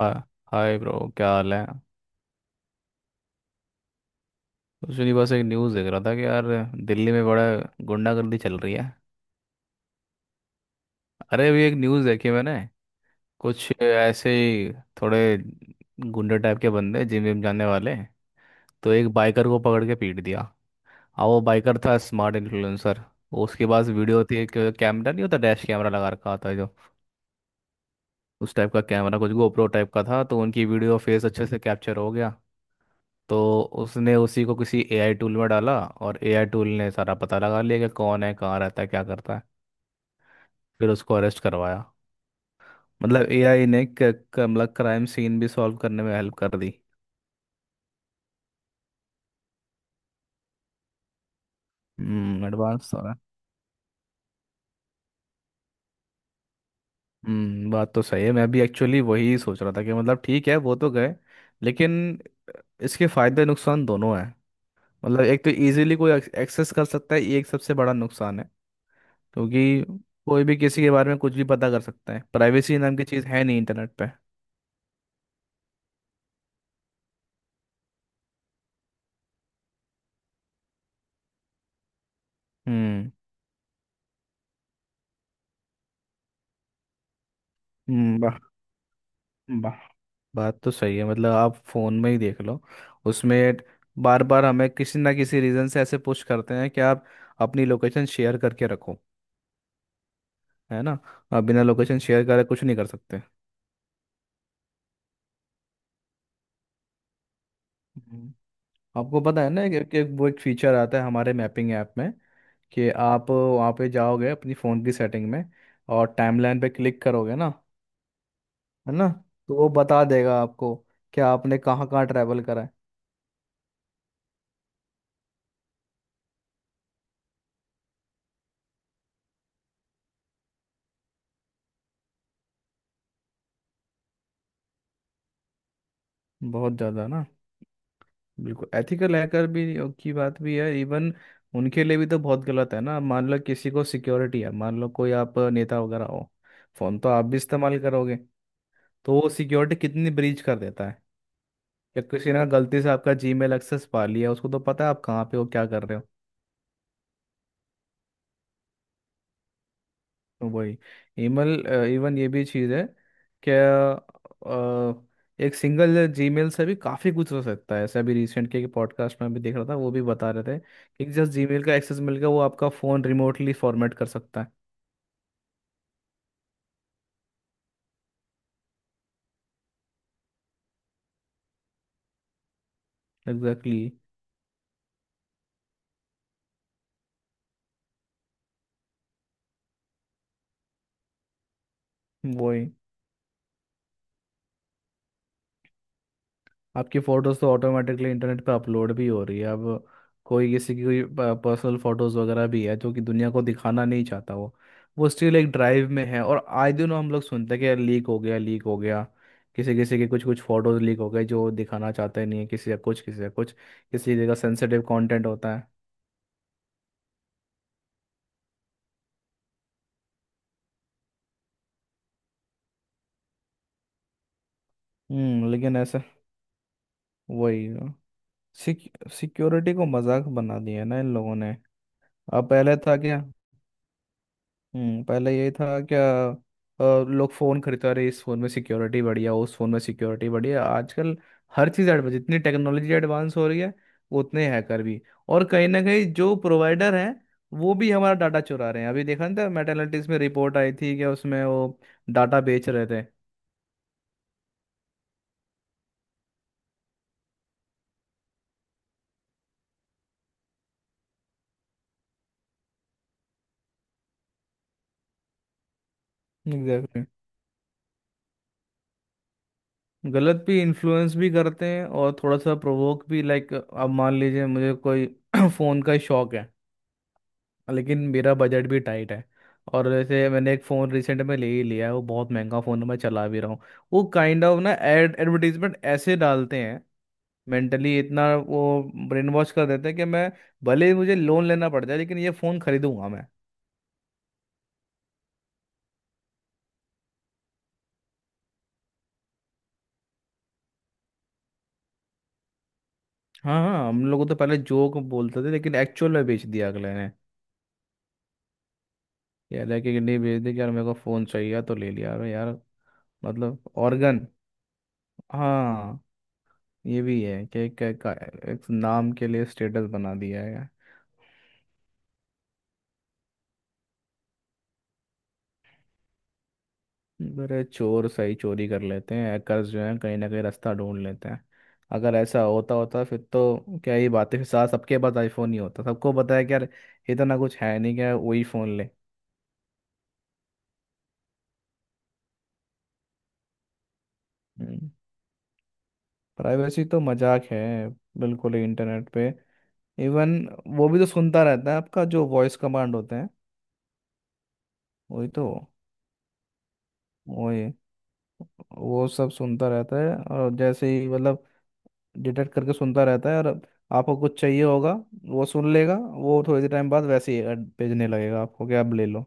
हा- hi bro, क्या हाल है? कुछ नहीं, बस एक न्यूज़ देख रहा था कि यार दिल्ली में बड़ा गुंडागर्दी चल रही है। अरे, अभी एक न्यूज़ देखी मैंने। कुछ ऐसे ही थोड़े गुंडे टाइप के बंदे, जिम विम जाने वाले, तो एक बाइकर को पकड़ के पीट दिया। अब वो बाइकर था स्मार्ट इन्फ्लुएंसर। उसके पास वीडियो थी एक। कैमरा नहीं होता, डैश कैमरा लगा रखा होता है जो, उस टाइप का कैमरा कुछ गोप्रो टाइप का था, तो उनकी वीडियो फेस अच्छे से कैप्चर हो गया। तो उसने उसी को किसी एआई टूल में डाला और एआई टूल ने सारा पता लगा लिया कि कौन है, कहाँ रहता है, क्या करता है। फिर उसको अरेस्ट करवाया। मतलब एआई ने मतलब क्राइम सीन भी सॉल्व करने में हेल्प कर दी। एडवांस हो रहा है। बात तो सही है, मैं भी एक्चुअली वही सोच रहा था कि मतलब ठीक है, वो तो गए लेकिन इसके फायदे नुकसान दोनों हैं। मतलब एक तो इजीली कोई एक्सेस कर सकता है, ये एक सबसे बड़ा नुकसान है। क्योंकि कोई भी किसी के बारे में कुछ भी पता कर सकता है, प्राइवेसी नाम की चीज़ है नहीं इंटरनेट पे। हम्म, हम्म। वाह, वाह। बात तो सही है, मतलब आप फोन में ही देख लो। उसमें बार बार हमें किसी ना किसी रीजन से ऐसे पुश करते हैं कि आप अपनी लोकेशन शेयर करके रखो। है ना। आप बिना लोकेशन शेयर करे कुछ नहीं कर सकते। हम्म, आपको पता है ना कि वो एक फीचर आता है हमारे मैपिंग ऐप में, कि आप वहाँ पे जाओगे अपनी फ़ोन की सेटिंग में और टाइमलाइन पे क्लिक करोगे ना। है ना। तो वो बता देगा आपको कि आपने कहाँ कहाँ ट्रैवल करा है। बहुत ज़्यादा ना। बिल्कुल एथिकल हैकर भी की बात भी है। इवन उनके लिए भी तो बहुत गलत है ना। मान लो किसी को सिक्योरिटी है, मान लो कोई आप नेता वगैरह हो, फोन तो आप भी इस्तेमाल करोगे, तो वो सिक्योरिटी कितनी ब्रीच कर देता है। या किसी ने गलती से आपका जीमेल एक्सेस पा लिया, उसको तो पता है आप कहाँ पे हो, क्या कर रहे हो। वही ईमेल, इवन ये भी चीज़ है। क्या एक सिंगल जीमेल से भी काफ़ी कुछ हो सकता है, ऐसा भी रिसेंट के पॉडकास्ट में भी देख रहा था, वो भी बता रहे थे कि जस्ट जीमेल का एक्सेस मिल गया, वो आपका फ़ोन रिमोटली फॉर्मेट कर सकता है। एग्जैक्टली exactly, वही। आपकी फोटोज तो ऑटोमेटिकली इंटरनेट पे अपलोड भी हो रही है अब। कोई किसी की कोई पर्सनल फोटोज वगैरह भी है जो कि दुनिया को दिखाना नहीं चाहता वो। वो स्टिल एक ड्राइव में है। और आए दिन हम लोग सुनते हैं कि यार लीक हो गया, लीक हो गया, किसी किसी के कुछ कुछ फोटोज लीक हो गए जो दिखाना चाहते नहीं है, किसी का कुछ, किसी का कुछ, किसी जगह सेंसिटिव कंटेंट होता है। लेकिन ऐसा, वही सिक्योरिटी को मजाक बना दिया है ना इन लोगों ने। अब पहले था क्या? पहले यही था क्या? लोग फ़ोन खरीदते रहे, इस फ़ोन में सिक्योरिटी बढ़िया, उस फ़ोन में सिक्योरिटी बढ़िया। आजकल हर चीज़ एडवांस, जितनी टेक्नोलॉजी एडवांस हो रही है उतने हैकर भी। और कहीं ना कहीं जो प्रोवाइडर हैं, वो भी हमारा डाटा चुरा रहे हैं। अभी देखा नहीं था मेटालिटीज में रिपोर्ट आई थी क्या, उसमें वो डाटा बेच रहे थे। एग्जैक्टली, गलत भी, इन्फ्लुएंस भी करते हैं और थोड़ा सा प्रोवोक भी। लाइक अब मान लीजिए मुझे कोई फ़ोन का शौक है, लेकिन मेरा बजट भी टाइट है। और जैसे मैंने एक फ़ोन रिसेंट में ले ही लिया है, वो बहुत महंगा फ़ोन है, मैं चला भी रहा हूँ। वो काइंड ऑफ ना एड एडवर्टीजमेंट ऐसे डालते हैं, मेंटली इतना वो ब्रेन वॉश कर देते हैं कि मैं, भले ही मुझे लोन लेना पड़ जाए लेकिन ये फ़ोन खरीदूंगा मैं। हाँ, हाँ, हम लोगों तो पहले जोक बोलते थे, लेकिन एक्चुअल में बेच दिया अगले ने। यार है कि नहीं, बेच दी कि यार मेरे को फ़ोन चाहिए था, तो ले लिया। अरे यार, मतलब ऑर्गन। हाँ, ये भी है कि एक नाम के लिए स्टेटस बना दिया है। अरे चोर सही चोरी कर लेते हैं, hackers जो है कहीं ना कहीं रास्ता ढूंढ लेते हैं। अगर ऐसा होता होता फिर तो क्या ही बात है, फिर साथ सबके पास आईफोन ही होता। सबको पता है कि यार इतना कुछ है नहीं, क्या वही फ़ोन ले। प्राइवेसी तो मजाक है, बिल्कुल ही इंटरनेट पे। इवन वो भी तो सुनता रहता है, आपका जो वॉइस कमांड होते हैं। वही तो। वही। वो सब सुनता रहता है और जैसे ही मतलब डिटेक्ट करके सुनता रहता है, और आपको कुछ चाहिए होगा वो सुन लेगा। वो थोड़ी देर टाइम बाद वैसे ही ad भेजने लगेगा आपको कि आप ले लो।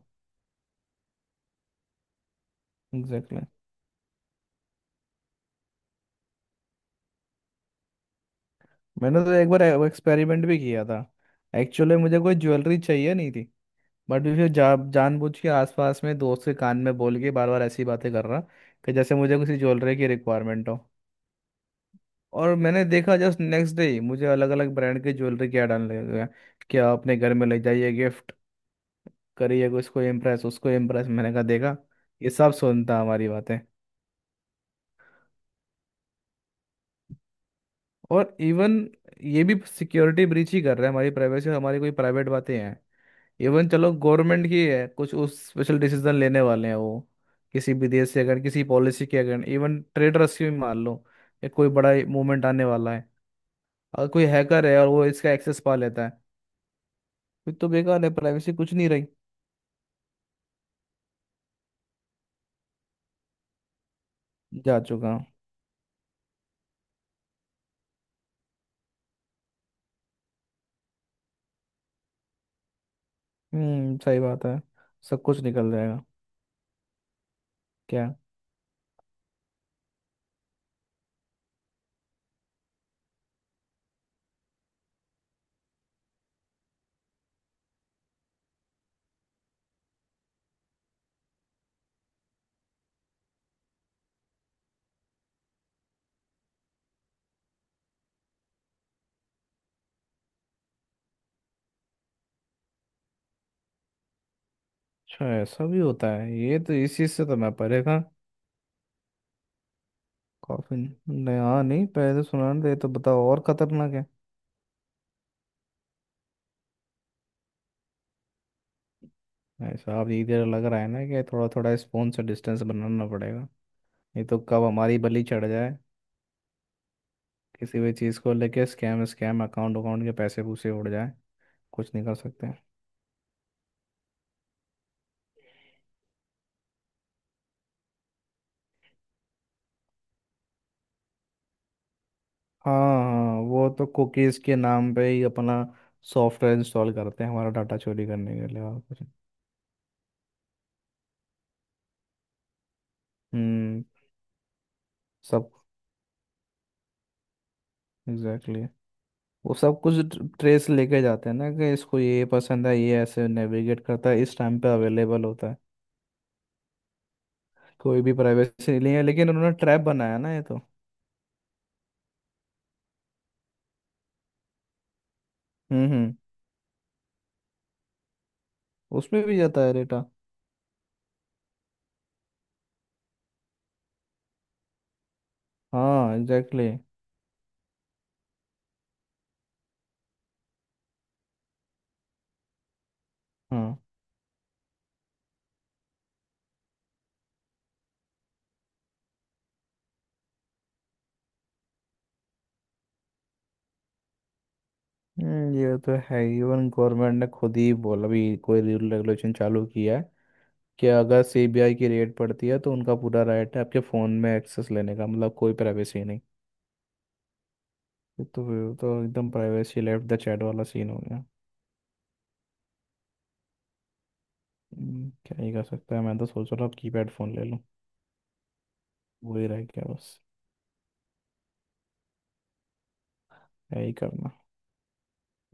Exactly exactly. मैंने तो एक बार एक्सपेरिमेंट भी किया था। एक्चुअली मुझे कोई ज्वेलरी चाहिए नहीं थी, बट फिर जानबूझ के आसपास में दोस्त के कान में बोल के बार बार ऐसी बातें कर रहा कि जैसे मुझे किसी ज्वेलरी की रिक्वायरमेंट हो। और मैंने देखा जस्ट नेक्स्ट डे ही मुझे अलग अलग ब्रांड की ज्वेलरी क्या डालने लगे, क्या अपने घर में ले जाइए, गिफ्ट करिए उसको इम्प्रेस, उसको इम्प्रेस, मैंने कहा देखा, ये सब सुनता हमारी बातें। और इवन ये भी सिक्योरिटी ब्रीच ही कर रहे हैं हमारी प्राइवेसी और हमारी कोई प्राइवेट बातें हैं। इवन चलो गवर्नमेंट की है कुछ उस स्पेशल डिसीजन लेने वाले हैं वो, किसी भी देश से अगर किसी पॉलिसी के अगर इवन ट्रेड रेस्क्यू मान लो या कोई बड़ा मूवमेंट आने वाला है, अगर कोई हैकर है और वो इसका एक्सेस पा लेता है, फिर तो बेकार है, प्राइवेसी कुछ नहीं रही। जा चुका हूँ। सही बात है। सब कुछ निकल जाएगा। क्या, अच्छा ऐसा भी होता है? ये तो इस चीज से तो मैं परे था। कॉफी। नहीं, हाँ नहीं, पहले तो सुना नहीं था, ये तो बताओ और खतरनाक है। भाई साहब ये इधर लग रहा है ना कि थोड़ा थोड़ा स्पून से डिस्टेंस बनाना पड़ेगा। ये तो कब हमारी बलि चढ़ जाए, किसी भी चीज को लेके, स्कैम स्कैम, अकाउंट अकाउंट के पैसे पूसे उड़ जाए। कुछ नहीं कर सकते। हाँ, हाँ, वो तो कुकीज के नाम पे ही अपना सॉफ्टवेयर इंस्टॉल करते हैं हमारा डाटा चोरी करने के लिए और कुछ नहीं। हम्म। सब। एग्जैक्टली, वो सब कुछ ट्रेस लेके जाते हैं ना कि इसको ये पसंद है, ये ऐसे नेविगेट करता है, इस टाइम पे अवेलेबल होता है। कोई भी प्राइवेसी नहीं है, लेकिन उन्होंने ट्रैप बनाया ना ये तो। हम्म, हम्म। उसमें भी जाता है डेटा। हाँ एग्जैक्टली exactly, हाँ। ये तो है, इवन गवर्नमेंट ने खुद ही बोला भी कोई रूल रेगुलेशन चालू किया है कि अगर सीबीआई की रेड पड़ती है तो उनका पूरा राइट है आपके फ़ोन में एक्सेस लेने का, मतलब कोई प्राइवेसी नहीं। ये तो एकदम प्राइवेसी लेफ्ट द चैट वाला सीन हो गया। क्या ही कर सकता है, मैं तो सोच रहा हूँ कीपैड फ़ोन ले लूँ। वही रह गया बस। क्या ही करना।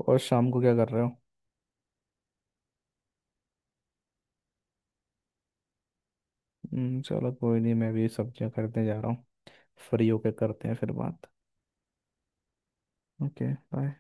और शाम को क्या कर रहे हो? चलो कोई नहीं, मैं भी सब्जियां खरीदने जा रहा हूँ, फ्री होके करते हैं फिर बात। Okay, bye.